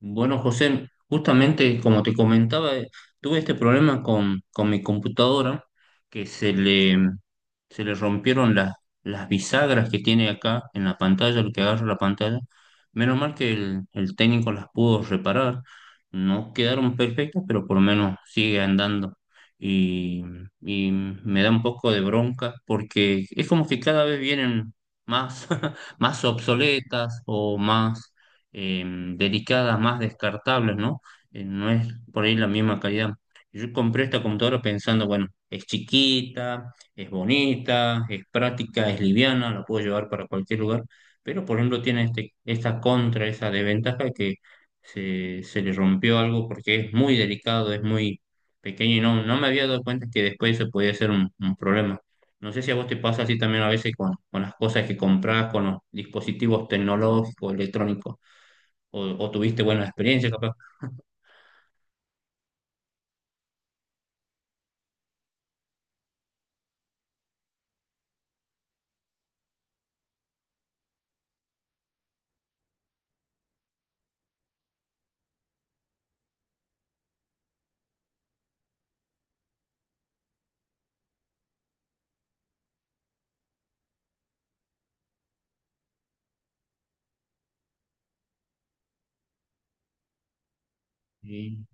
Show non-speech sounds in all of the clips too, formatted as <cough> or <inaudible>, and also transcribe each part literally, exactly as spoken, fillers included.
Bueno, José, justamente como te comentaba, eh, tuve este problema con, con mi computadora, que se le, se le rompieron las, las bisagras que tiene acá en la pantalla, lo que agarra la pantalla. Menos mal que el, el técnico las pudo reparar. No quedaron perfectas, pero por lo menos sigue andando. Y, y me da un poco de bronca porque es como que cada vez vienen más, <laughs> más obsoletas o más eh, delicadas, más descartables, ¿no? Eh, no es por ahí la misma calidad. Yo compré esta computadora pensando, bueno, es chiquita, es bonita, es práctica, es liviana, la puedo llevar para cualquier lugar, pero por ejemplo tiene este, esta contra, esa desventaja que se, se le rompió algo porque es muy delicado, es muy pequeño y no, no me había dado cuenta que después se podía ser un, un problema. No sé si a vos te pasa así también a veces con, con las cosas que compras, con los dispositivos tecnológicos, electrónicos o, o tuviste buenas experiencias, capaz. Sí.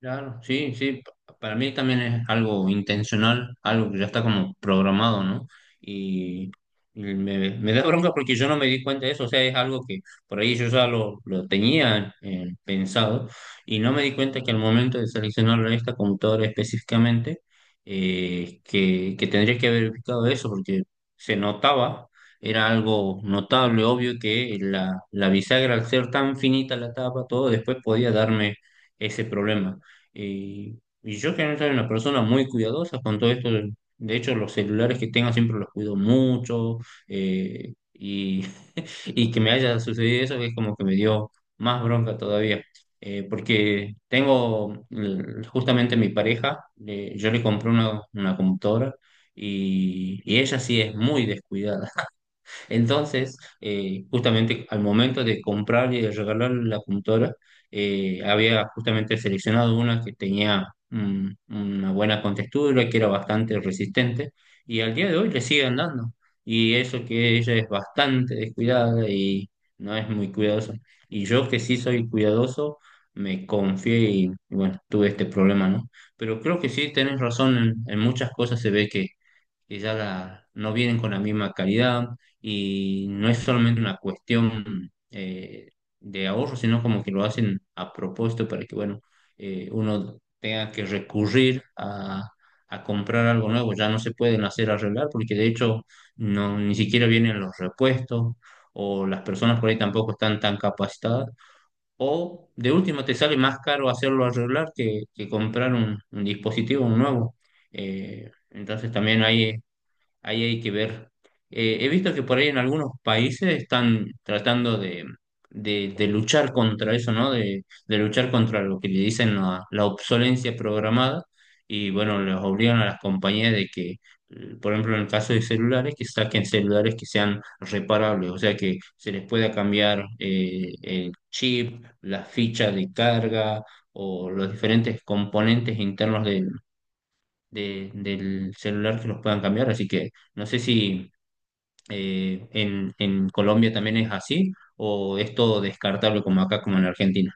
Claro, sí, sí, pa- para mí también es algo intencional, algo que ya está como programado, ¿no? Y, y me, me da bronca porque yo no me di cuenta de eso, o sea, es algo que por ahí yo ya lo, lo tenía eh, pensado y no me di cuenta que al momento de seleccionarlo en esta computadora específicamente, eh, que, que tendría que haber ubicado eso porque se notaba, era algo notable, obvio que la, la bisagra al ser tan finita la tapa, todo después podía darme ese problema. Eh, y yo generalmente soy una persona muy cuidadosa con todo esto. De de hecho, los celulares que tengo siempre los cuido mucho. eh, y, <laughs> y que me haya sucedido eso es como que me dio más bronca todavía. Eh, porque tengo eh, justamente mi pareja, le- yo le compré una, una computadora y, y ella sí es muy descuidada. Entonces, eh, justamente al momento de comprarle y de regalarle la computadora, eh, había justamente seleccionado una que tenía mm, una buena contextura, que era bastante resistente, y al día de hoy le sigue andando. Y eso que ella es bastante descuidada y no es muy cuidadosa. Y yo que sí soy cuidadoso, me confié y, y bueno, tuve este problema, ¿no? Pero creo que sí tenés razón, en, en muchas cosas se ve que que ya la- no vienen con la misma calidad y no es solamente una cuestión eh, de ahorro, sino como que lo hacen a propósito para que, bueno, eh, uno tenga que recurrir a, a comprar algo nuevo. Ya no se pueden hacer arreglar porque de hecho no, ni siquiera vienen los repuestos o las personas por ahí tampoco están tan capacitadas. O de último te sale más caro hacerlo arreglar que, que comprar un, un dispositivo nuevo. Eh, entonces también ahí Ahí hay que ver. Eh, he visto que por ahí en algunos países están tratando de, de- de luchar contra eso, ¿no? De, de luchar contra lo que le dicen la, la obsolencia programada y bueno, les obligan a las compañías de que, eh, por ejemplo, en el caso de celulares, que saquen celulares que sean reparables, o sea, que se les pueda cambiar eh, el chip, las fichas de carga o los diferentes componentes internos de- del celular que los puedan cambiar. Así que no sé si eh, en, en Colombia también es así o es todo descartable como acá, como en Argentina.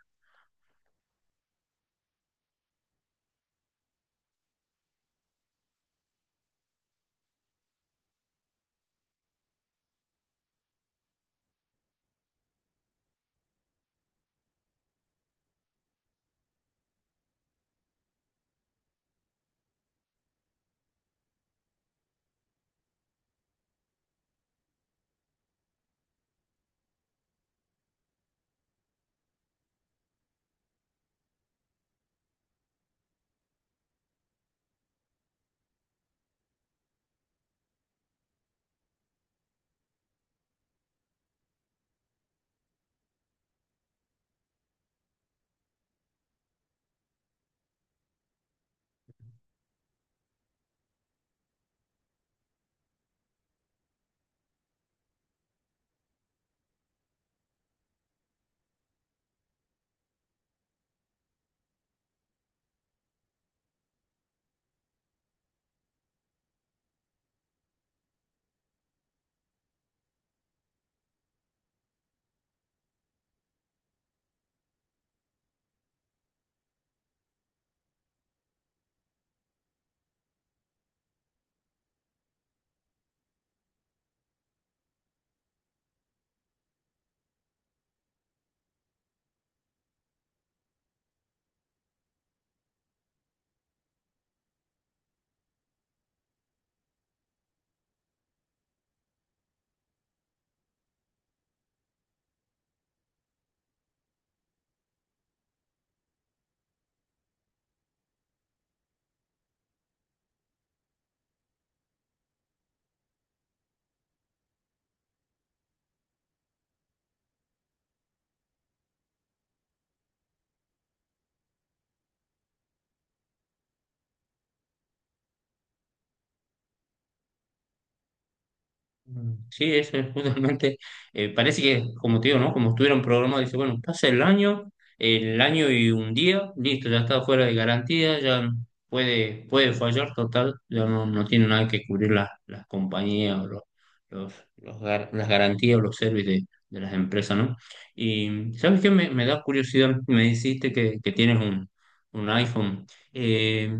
Mm, sí, eso es justamente, eh, parece que, como te digo, ¿no? Como estuvieron programados, dice, bueno, pasa el año, el año y un día, listo, ya está fuera de garantía, ya puede, puede fallar, total, ya no, no tiene nada que cubrir las, las compañías o los, los, los gar- las garantías o los servicios de, de las empresas, ¿no? Y ¿sabes qué? Me, me da curiosidad, me dijiste que, que tienes un, un iPhone. Eh,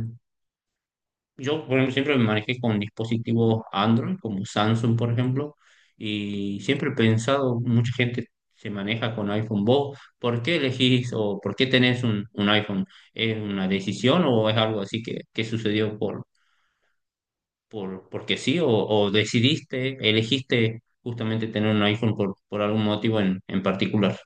yo, por ejemplo, siempre me manejé con dispositivos Android, como Samsung, por ejemplo, y siempre he pensado, mucha gente se maneja con iPhone. ¿Vos por qué elegís o por qué tenés un, un iPhone? ¿Es una decisión o es algo así que, que sucedió por, por, porque sí? ¿O, O decidiste, elegiste justamente tener un iPhone por, por algún motivo en, en particular?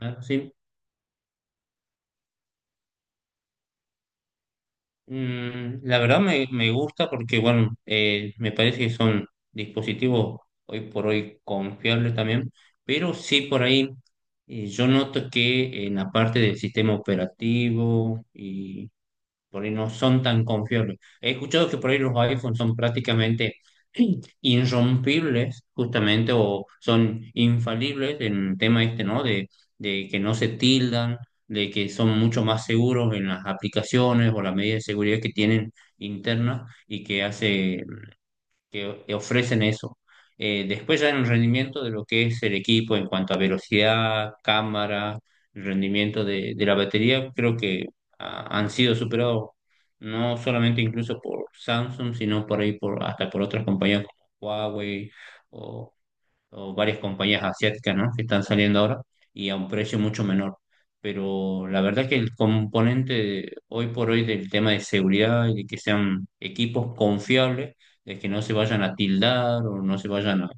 Ah, sí. Mm, la verdad me, me gusta porque, bueno, eh, me parece que son dispositivos hoy por hoy confiables también, pero sí por ahí eh, yo noto que en la parte del sistema operativo y por ahí no son tan confiables. He escuchado que por ahí los iPhones son prácticamente <clears throat> irrompibles, justamente, o son infalibles en el tema este, ¿no? De, de que no se tildan, de que son mucho más seguros en las aplicaciones o las medidas de seguridad que tienen internas y que hace que ofrecen eso. Eh, después ya en el rendimiento de lo que es el equipo en cuanto a velocidad, cámara, el rendimiento de, de la batería, creo que ah, han sido superados no solamente incluso por Samsung, sino por ahí por, hasta por otras compañías como Huawei o varias compañías asiáticas, ¿no?, que están saliendo ahora y a un precio mucho menor. Pero la verdad que el componente de- hoy por hoy del tema de seguridad y de que sean equipos confiables, de que no se vayan a tildar o no se vayan a,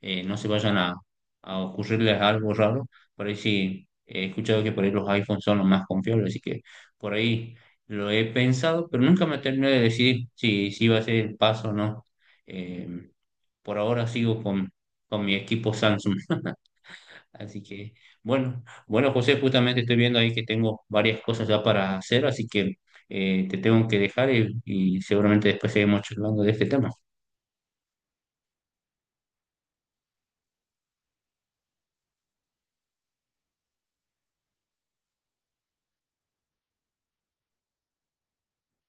eh, no se vayan a, a ocurrirles algo raro, por ahí sí he escuchado que por ahí los iPhones son los más confiables, así que por ahí lo he pensado, pero nunca me terminé de decidir si, si iba a ser el paso o no. Eh, por ahora sigo con, con mi equipo Samsung. <laughs> Así que, bueno, bueno, José, justamente estoy viendo ahí que tengo varias cosas ya para hacer, así que eh, te tengo que dejar y, y seguramente después seguimos charlando de este tema.